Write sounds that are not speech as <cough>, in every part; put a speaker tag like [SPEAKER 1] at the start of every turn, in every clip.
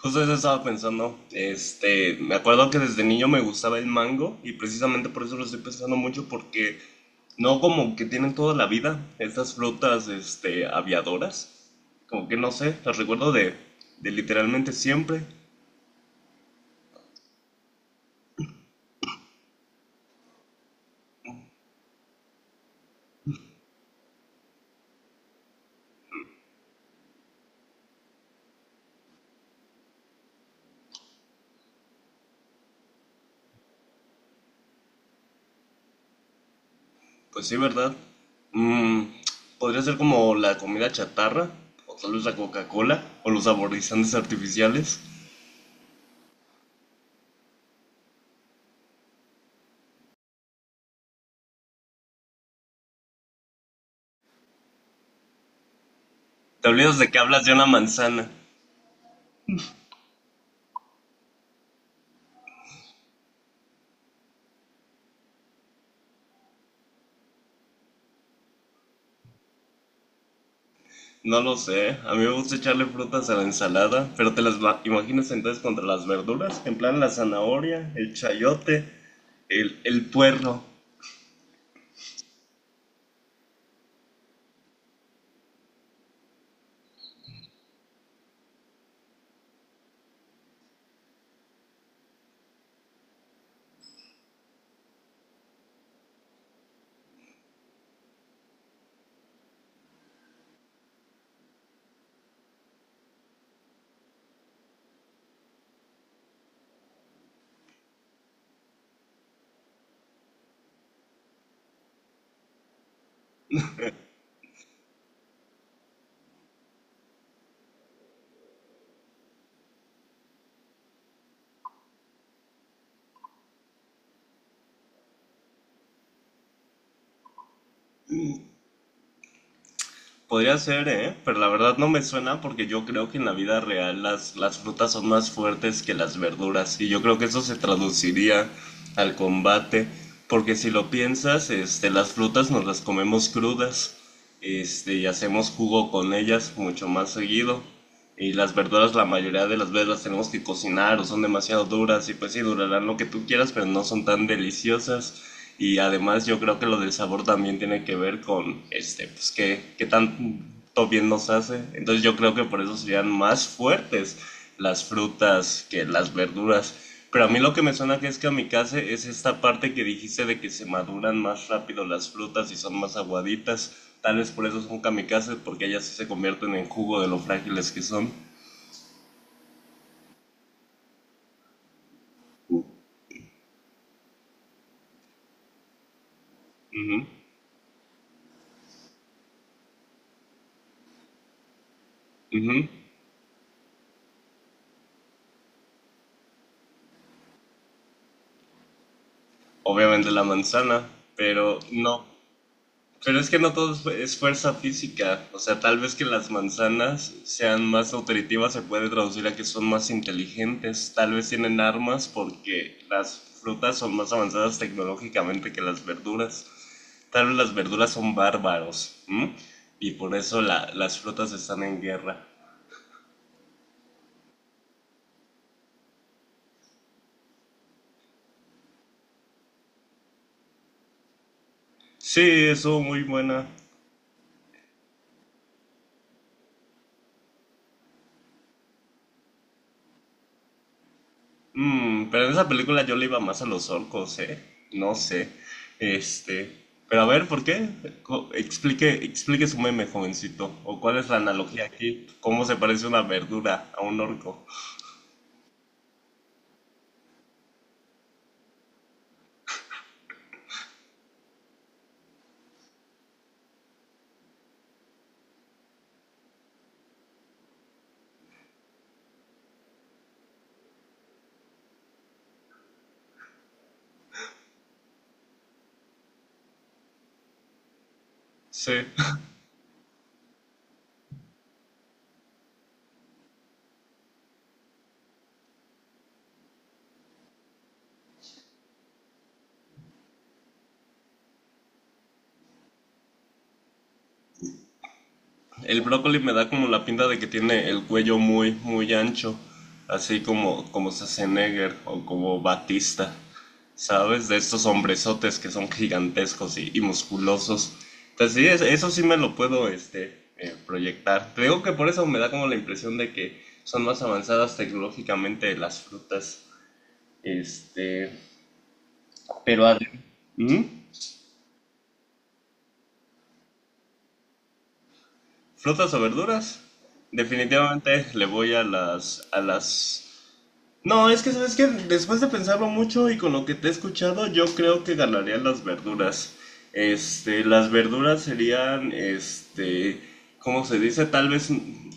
[SPEAKER 1] Justo eso estaba pensando. Me acuerdo que desde niño me gustaba el mango y precisamente por eso lo estoy pensando mucho porque no, como que tienen toda la vida estas frutas, aviadoras. Como que no sé, las recuerdo de literalmente siempre. Pues sí, ¿verdad? Mm, podría ser como la comida chatarra o tal vez la Coca-Cola o los saborizantes artificiales. Te olvidas de que hablas de una manzana. No lo sé, a mí me gusta echarle frutas a la ensalada, pero te las imaginas entonces contra las verduras, en plan la zanahoria, el chayote, el puerro. Podría ser, ¿eh? Pero la verdad no me suena porque yo creo que en la vida real las frutas son más fuertes que las verduras y yo creo que eso se traduciría al combate, porque si lo piensas, las frutas nos las comemos crudas, y hacemos jugo con ellas mucho más seguido, y las verduras la mayoría de las veces las tenemos que cocinar o son demasiado duras y pues sí durarán lo que tú quieras pero no son tan deliciosas. Y además yo creo que lo del sabor también tiene que ver con, pues qué tanto bien nos hace. Entonces yo creo que por eso serían más fuertes las frutas que las verduras. Pero a mí lo que me suena que es que kamikaze es esta parte que dijiste de que se maduran más rápido las frutas y son más aguaditas. Tal vez por eso son kamikazes, porque ellas sí se convierten en jugo de lo frágiles que son. Ujú, ujú. Obviamente la manzana, pero no. Pero es que no todo es es fuerza física. O sea, tal vez que las manzanas sean más nutritivas se puede traducir a que son más inteligentes. Tal vez tienen armas porque las frutas son más avanzadas tecnológicamente que las verduras. Tal vez las verduras son bárbaros. ¿M? Y por eso las frutas están en guerra. Sí, eso muy buena. Mm, pero en esa película yo le iba más a los orcos, ¿eh? No sé. Este. Pero a ver, ¿por qué? Explique, explique su meme, jovencito. ¿O cuál es la analogía aquí? ¿Cómo se parece una verdura a un orco? Sí. El brócoli me da como la pinta de que tiene el cuello muy, muy ancho, así como, como Schwarzenegger o como Batista, ¿sabes? De estos hombrezotes que son gigantescos y musculosos. Entonces sí, eso sí me lo puedo, proyectar. Te digo que por eso me da como la impresión de que son más avanzadas tecnológicamente las frutas. Este, pero ¿Mm? ¿Frutas o verduras? Definitivamente le voy a las... No, es que sabes que después de pensarlo mucho y con lo que te he escuchado, yo creo que ganaría las verduras. Las verduras serían, ¿cómo se dice? Tal vez,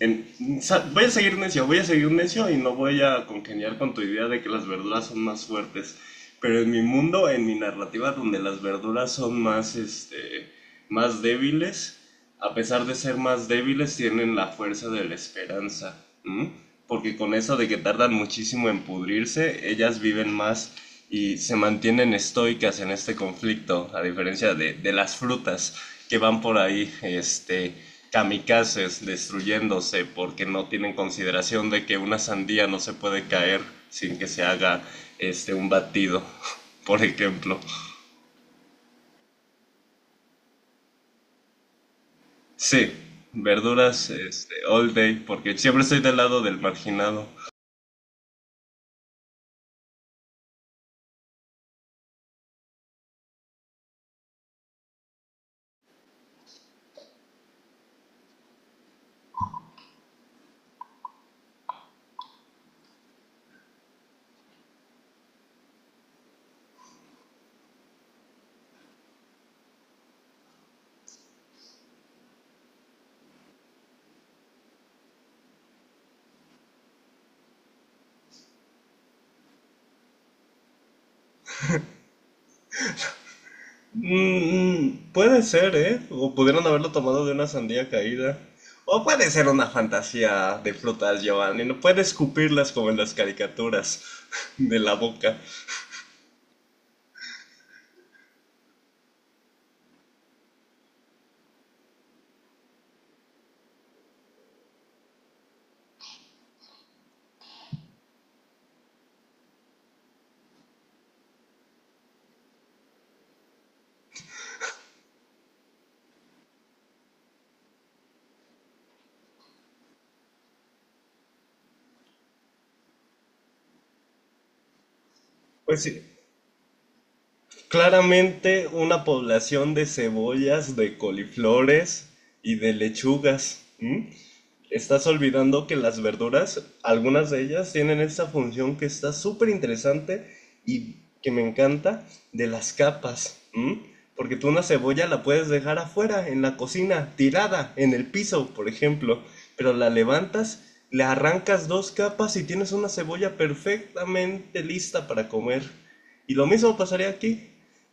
[SPEAKER 1] en- voy a seguir necio, voy a seguir necio y no voy a congeniar con tu idea de que las verduras son más fuertes. Pero en mi mundo, en mi narrativa, donde las verduras son más, más débiles, a pesar de ser más débiles, tienen la fuerza de la esperanza. ¿M? Porque con eso de que tardan muchísimo en pudrirse, ellas viven más y se mantienen estoicas en este conflicto, a diferencia de las frutas que van por ahí, kamikazes, destruyéndose porque no tienen consideración de que una sandía no se puede caer sin que se haga, un batido, <laughs> por ejemplo. Sí, verduras, all day, porque siempre estoy del lado del marginado. Mm, puede ser, ¿eh? O pudieron haberlo tomado de una sandía caída. O puede ser una fantasía de frutas, Giovanni. No puede escupirlas como en las caricaturas <laughs> de la boca. Pues sí, claramente una población de cebollas, de coliflores y de lechugas. ¿Mm? Estás olvidando que las verduras, algunas de ellas, tienen esta función que está súper interesante y que me encanta, de las capas, ¿m? Porque tú una cebolla la puedes dejar afuera, en la cocina, tirada, en el piso, por ejemplo, pero la levantas, le arrancas dos capas y tienes una cebolla perfectamente lista para comer. Y lo mismo pasaría aquí.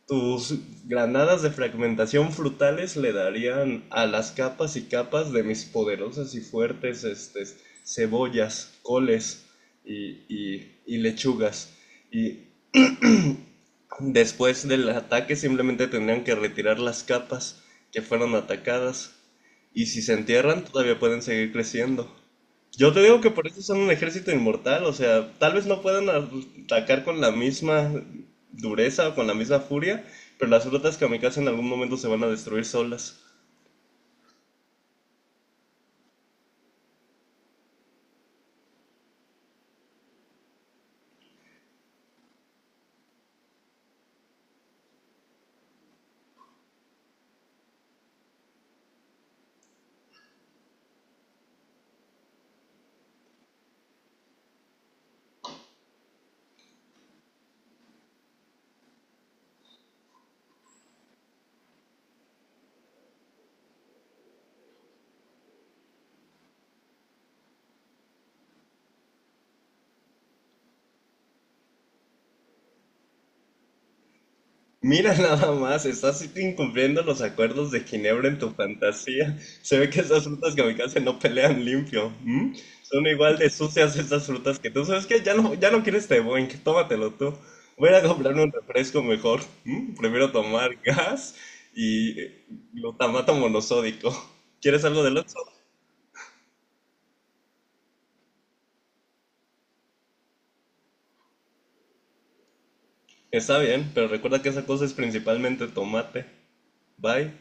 [SPEAKER 1] Tus granadas de fragmentación frutales le darían a las capas y capas de mis poderosas y fuertes, cebollas, coles y lechugas. Y después del ataque simplemente tendrían que retirar las capas que fueron atacadas. Y si se entierran, todavía pueden seguir creciendo. Yo te digo que por eso son un ejército inmortal. O sea, tal vez no puedan atacar con la misma dureza o con la misma furia, pero las frutas kamikaze en algún momento se van a destruir solas. Mira <laughs> nada más, estás incumpliendo los acuerdos de Ginebra en tu fantasía. Se ve que esas frutas kamikaze no pelean limpio. ¿M? Son igual de sucias esas frutas que tú. ¿Sabes que ya no, ya no quieres té Boeing? Tómatelo tú. Voy a ir a comprarme un refresco mejor. ¿M? Prefiero tomar <laughs> gas y glutamato monosódico. ¿Quieres algo del otro? Está bien, pero recuerda que esa cosa es principalmente tomate. Bye.